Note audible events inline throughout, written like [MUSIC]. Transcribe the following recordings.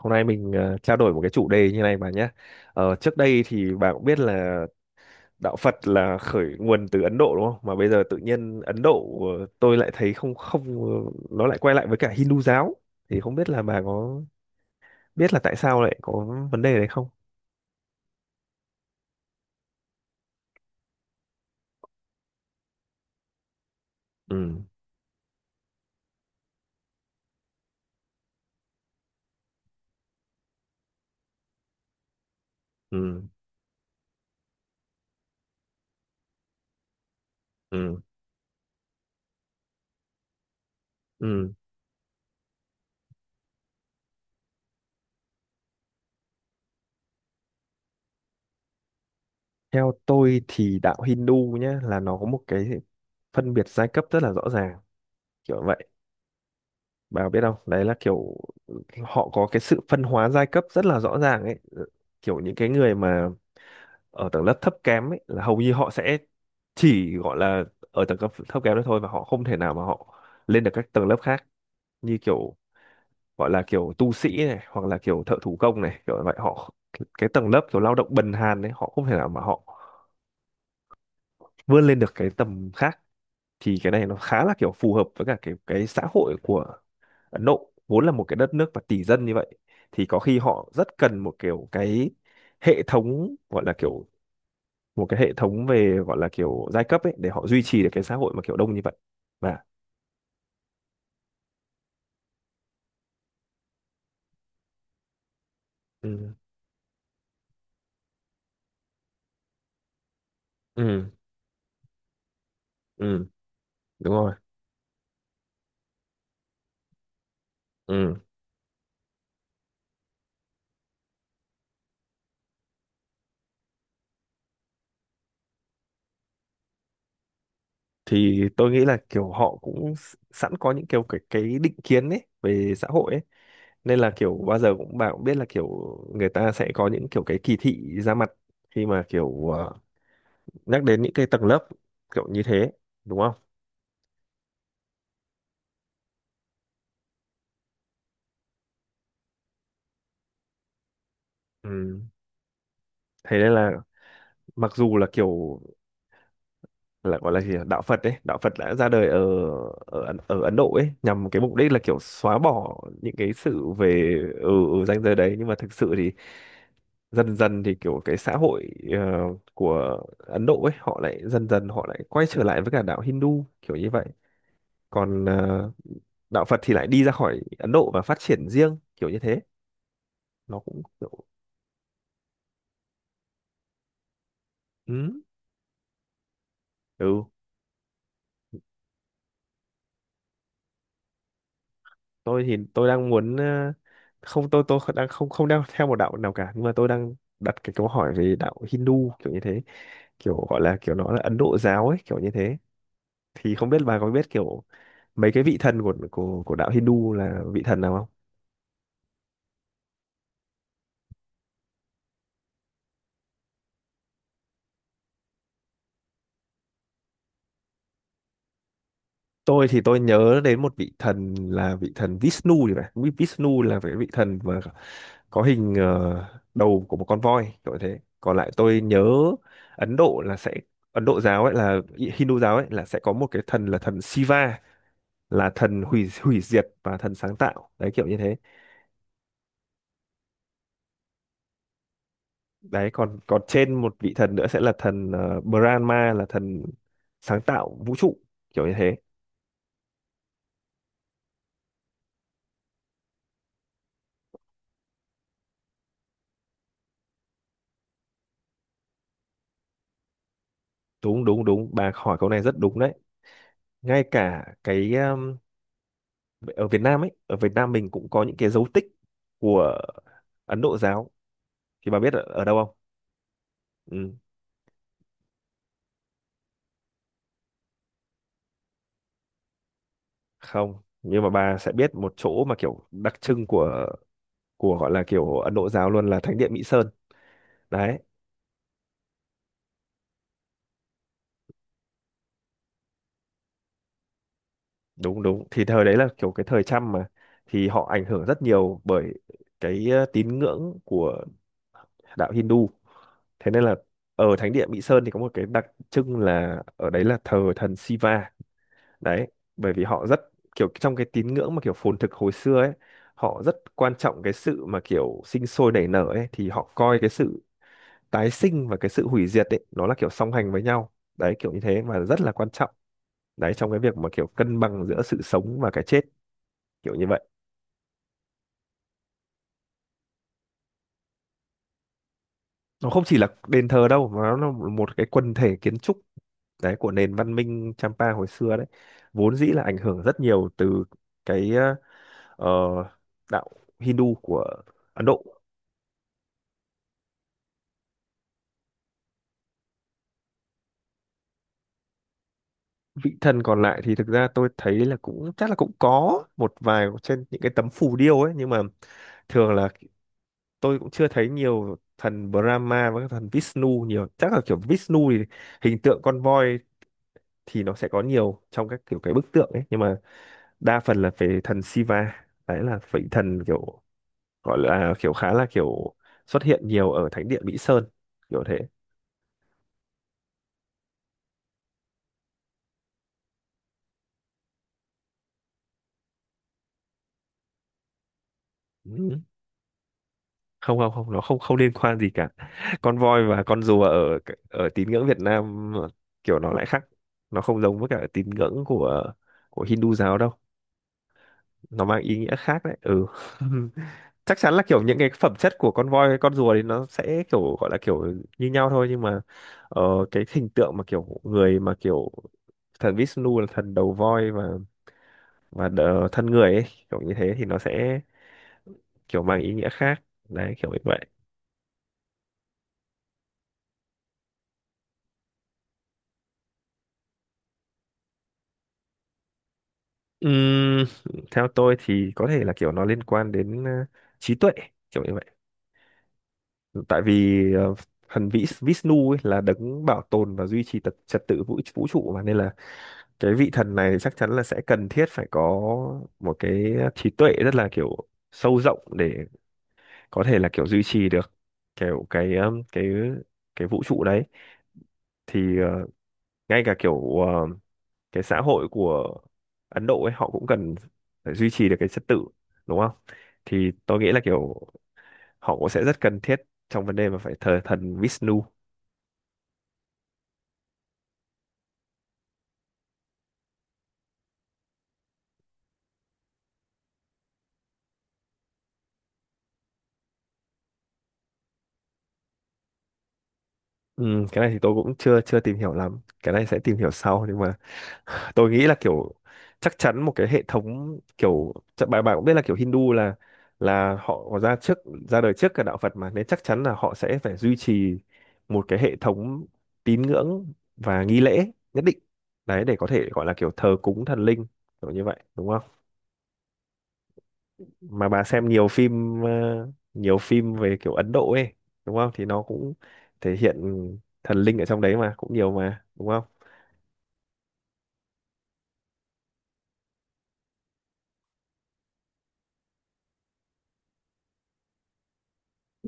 Hôm nay mình trao đổi một cái chủ đề như này bà nhé. Trước đây thì bà cũng biết là đạo Phật là khởi nguồn từ Ấn Độ đúng không? Mà bây giờ tự nhiên Ấn Độ tôi lại thấy không không ờ, nó lại quay lại với cả Hindu giáo. Thì không biết là bà có biết là tại sao lại có vấn đề đấy không? Ừ, ừ, ừ, ừ. Theo tôi thì đạo Hindu nhé, là nó có một cái phân biệt giai cấp rất là rõ ràng, kiểu vậy. Bà có biết không, đấy là kiểu họ có cái sự phân hóa giai cấp rất là rõ ràng ấy. Ờ, Kiểu những cái người mà ở tầng lớp thấp kém ấy là hầu như họ sẽ chỉ gọi là ở tầng cấp thấp kém đó thôi, và họ không thể nào mà họ lên được các tầng lớp khác, như kiểu gọi là kiểu tu sĩ này hoặc là kiểu thợ thủ công này, kiểu vậy. Họ, cái tầng lớp kiểu lao động bần hàn đấy, họ không thể nào mà họ vươn lên được cái tầm khác. Thì cái này nó khá là kiểu phù hợp với cả cái xã hội của Ấn Độ, vốn là một cái đất nước và tỷ dân như vậy, thì có khi họ rất cần một kiểu cái hệ thống, gọi là kiểu một cái hệ thống về gọi là kiểu giai cấp ấy, để họ duy trì được cái xã hội mà kiểu đông như vậy. Và ừ, ừ, ừ, đúng rồi, ừ. Thì tôi nghĩ là kiểu họ cũng sẵn có những kiểu cái định kiến ấy về xã hội ấy, nên là kiểu bao giờ cũng, bà cũng biết là kiểu người ta sẽ có những kiểu cái kỳ thị ra mặt khi mà kiểu nhắc đến những cái tầng lớp kiểu như thế, đúng không? Ừ. Thế nên là mặc dù là kiểu, là gọi là gì nhỉ, đạo Phật ấy, đạo Phật đã ra đời ở ở Ấn Độ ấy nhằm cái mục đích là kiểu xóa bỏ những cái sự về ở ranh giới đấy, nhưng mà thực sự thì dần dần thì kiểu cái xã hội của Ấn Độ ấy, họ lại dần dần họ lại quay trở lại với cả đạo Hindu kiểu như vậy. Còn đạo Phật thì lại đi ra khỏi Ấn Độ và phát triển riêng kiểu như thế. Nó cũng kiểu. Ừ. Ừ, tôi thì tôi đang muốn ờ, không tôi tôi đang không không đang theo một đạo nào cả, nhưng mà tôi đang đặt cái câu hỏi về đạo Hindu kiểu như thế, kiểu gọi là kiểu nó là Ấn Độ giáo ấy kiểu như thế. Thì không biết bà có biết kiểu mấy cái vị thần của đạo Hindu là vị thần nào không? Tôi thì tôi nhớ đến một vị thần là vị thần Vishnu thì phải. Vishnu là cái vị thần mà có hình đầu của một con voi kiểu thế. Còn lại tôi nhớ Ấn Độ là sẽ, Ấn Độ giáo ấy là, Hindu giáo ấy là sẽ có một cái thần là thần Shiva, là thần hủy hủy diệt và thần sáng tạo, đấy kiểu như thế. Đấy, còn còn trên một vị thần nữa sẽ là thần Brahma, là thần sáng tạo vũ trụ kiểu như thế. Đúng đúng đúng, bà hỏi câu này rất đúng đấy. Ngay cả cái ở Việt Nam ấy, ở Việt Nam mình cũng có những cái dấu tích của Ấn Độ giáo. Thì bà biết ở, đâu không? Ừ. Không, nhưng mà bà sẽ biết một chỗ mà kiểu đặc trưng của gọi là kiểu Ấn Độ giáo luôn, là Thánh điện Mỹ Sơn đấy. Đúng đúng, thì thời đấy là kiểu cái thời Chăm mà, thì họ ảnh hưởng rất nhiều bởi cái tín ngưỡng của đạo Hindu. Thế nên là ở Thánh điện Mỹ Sơn thì có một cái đặc trưng là ở đấy là thờ thần Shiva đấy, bởi vì họ rất kiểu, trong cái tín ngưỡng mà kiểu phồn thực hồi xưa ấy, họ rất quan trọng cái sự mà kiểu sinh sôi nảy nở ấy. Thì họ coi cái sự tái sinh và cái sự hủy diệt ấy nó là kiểu song hành với nhau đấy, kiểu như thế, và rất là quan trọng đấy trong cái việc mà kiểu cân bằng giữa sự sống và cái chết kiểu như vậy. Nó không chỉ là đền thờ đâu mà nó là một cái quần thể kiến trúc đấy của nền văn minh Champa hồi xưa đấy, vốn dĩ là ảnh hưởng rất nhiều từ cái ờ, đạo Hindu của Ấn Độ. Vị thần còn lại thì thực ra tôi thấy là cũng chắc là cũng có một vài trên những cái tấm phù điêu ấy, nhưng mà thường là, tôi cũng chưa thấy nhiều thần Brahma và các thần Vishnu nhiều. Chắc là kiểu Vishnu thì hình tượng con voi thì nó sẽ có nhiều trong các kiểu cái bức tượng ấy, nhưng mà đa phần là về thần Shiva. Đấy là vị thần kiểu, gọi là kiểu khá là kiểu xuất hiện nhiều ở thánh địa Mỹ Sơn kiểu thế. Ừ. Không không không, nó không không liên quan gì cả. [LAUGHS] Con voi và con rùa ở, ở tín ngưỡng Việt Nam kiểu nó lại khác, nó không giống với cả tín ngưỡng của Hindu giáo đâu. Nó mang ý nghĩa khác đấy, ừ. [LAUGHS] Chắc chắn là kiểu những cái phẩm chất của con voi, con rùa thì nó sẽ kiểu, gọi là kiểu như nhau thôi, nhưng mà ờ, cái hình tượng mà kiểu người, mà kiểu thần Vishnu là thần đầu voi và thân người ấy, kiểu như thế, thì nó sẽ kiểu mang ý nghĩa khác đấy, kiểu như vậy. Ừm, theo tôi thì có thể là kiểu nó liên quan đến trí tuệ kiểu như vậy. Tại vì thần Vishnu ấy là đấng bảo tồn và duy trì tập trật tự vũ vũ trụ mà, nên là cái vị thần này chắc chắn là sẽ cần thiết phải có một cái trí tuệ rất là kiểu sâu rộng để có thể là kiểu duy trì được kiểu cái vũ trụ đấy. Thì ngay cả kiểu cái xã hội của Ấn Độ ấy, họ cũng cần phải duy trì được cái trật tự, đúng không? Thì tôi nghĩ là kiểu họ cũng sẽ rất cần thiết trong vấn đề mà phải thờ thần Vishnu. Ừ, cái này thì tôi cũng chưa chưa tìm hiểu lắm, cái này sẽ tìm hiểu sau. Nhưng mà tôi nghĩ là kiểu chắc chắn một cái hệ thống, kiểu chắc bạn bạn cũng biết là kiểu Hindu là họ có ra đời trước cả đạo Phật mà, nên chắc chắn là họ sẽ phải duy trì một cái hệ thống tín ngưỡng và nghi lễ nhất định đấy, để có thể gọi là kiểu thờ cúng thần linh kiểu như vậy, đúng không? Mà bà xem nhiều phim về kiểu Ấn Độ ấy, đúng không, thì nó cũng thể hiện thần linh ở trong đấy mà cũng nhiều mà, đúng không?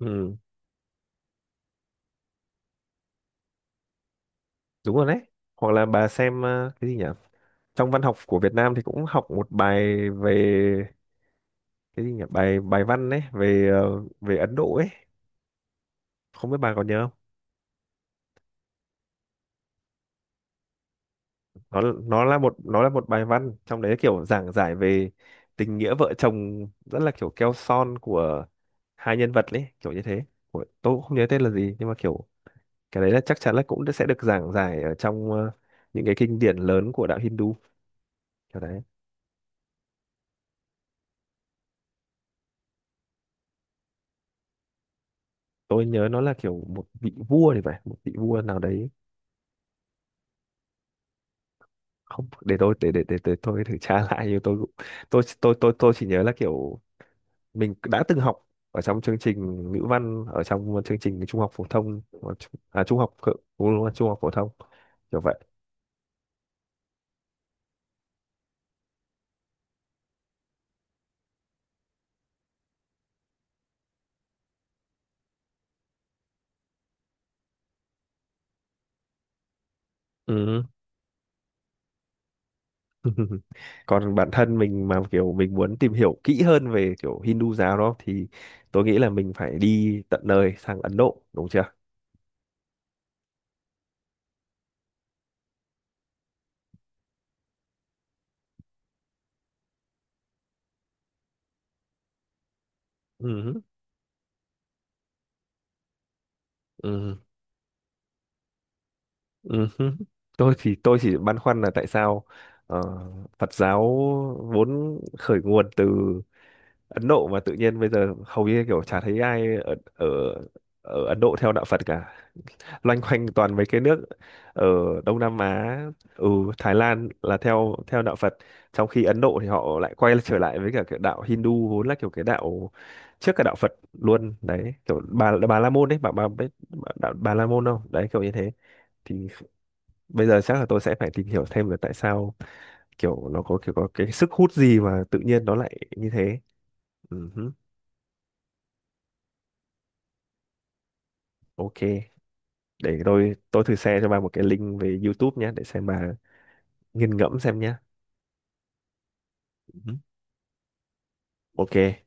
Ừ, đúng rồi đấy. Hoặc là bà xem cái gì nhỉ, trong văn học của Việt Nam thì cũng học một bài về, cái gì nhỉ, bài bài văn ấy về về Ấn Độ ấy, không biết bà còn nhớ không. Nó là một bài văn, trong đấy kiểu giảng giải về tình nghĩa vợ chồng rất là kiểu keo son của hai nhân vật ấy, kiểu như thế. Của, tôi cũng không nhớ tên là gì, nhưng mà kiểu cái đấy là chắc chắn là cũng sẽ được giảng giải ở trong những cái kinh điển lớn của đạo Hindu kiểu đấy. Tôi nhớ nó là kiểu một vị vua thì phải, một vị vua nào đấy. Không, để tôi để tôi thử tra [LAUGHS] lại, nhưng tôi cũng- tôi chỉ nhớ là kiểu mình đã từng học ở trong chương trình ngữ văn, ở trong chương trình trung học phổ thông. À, trung học ừ, đúng rồi, trung học phổ thông kiểu vậy. Ừ. [LAUGHS] Còn bản thân mình mà kiểu mình muốn tìm hiểu kỹ hơn về kiểu Hindu giáo đó, thì tôi nghĩ là mình phải đi tận nơi sang Ấn Độ, đúng chưa? Ừ. Ừ. Ừ hứ. Tôi thì tôi chỉ băn khoăn là tại sao ờ, Phật giáo vốn khởi nguồn từ Ấn Độ mà tự nhiên bây giờ hầu như kiểu chả thấy ai ở ở ở Ấn Độ theo đạo Phật cả. Loanh quanh toàn mấy cái nước ở Đông Nam Á, ừ, Thái Lan là theo theo đạo Phật, trong khi Ấn Độ thì họ lại quay trở lại với cả cái đạo Hindu, vốn là kiểu cái đạo trước cả đạo Phật luôn đấy, kiểu bà La Môn đấy, bà biết bà, đạo bà La Môn không? Đấy kiểu như thế. Thì bây giờ chắc là tôi sẽ phải tìm hiểu thêm về tại sao kiểu nó có kiểu, có cái sức hút gì mà tự nhiên nó lại như thế. Ừ hứ, ok. Để tôi thử share cho bà một cái link về YouTube nhé, để xem bà nghiền ngẫm xem nhé. Ừ hứ, ok.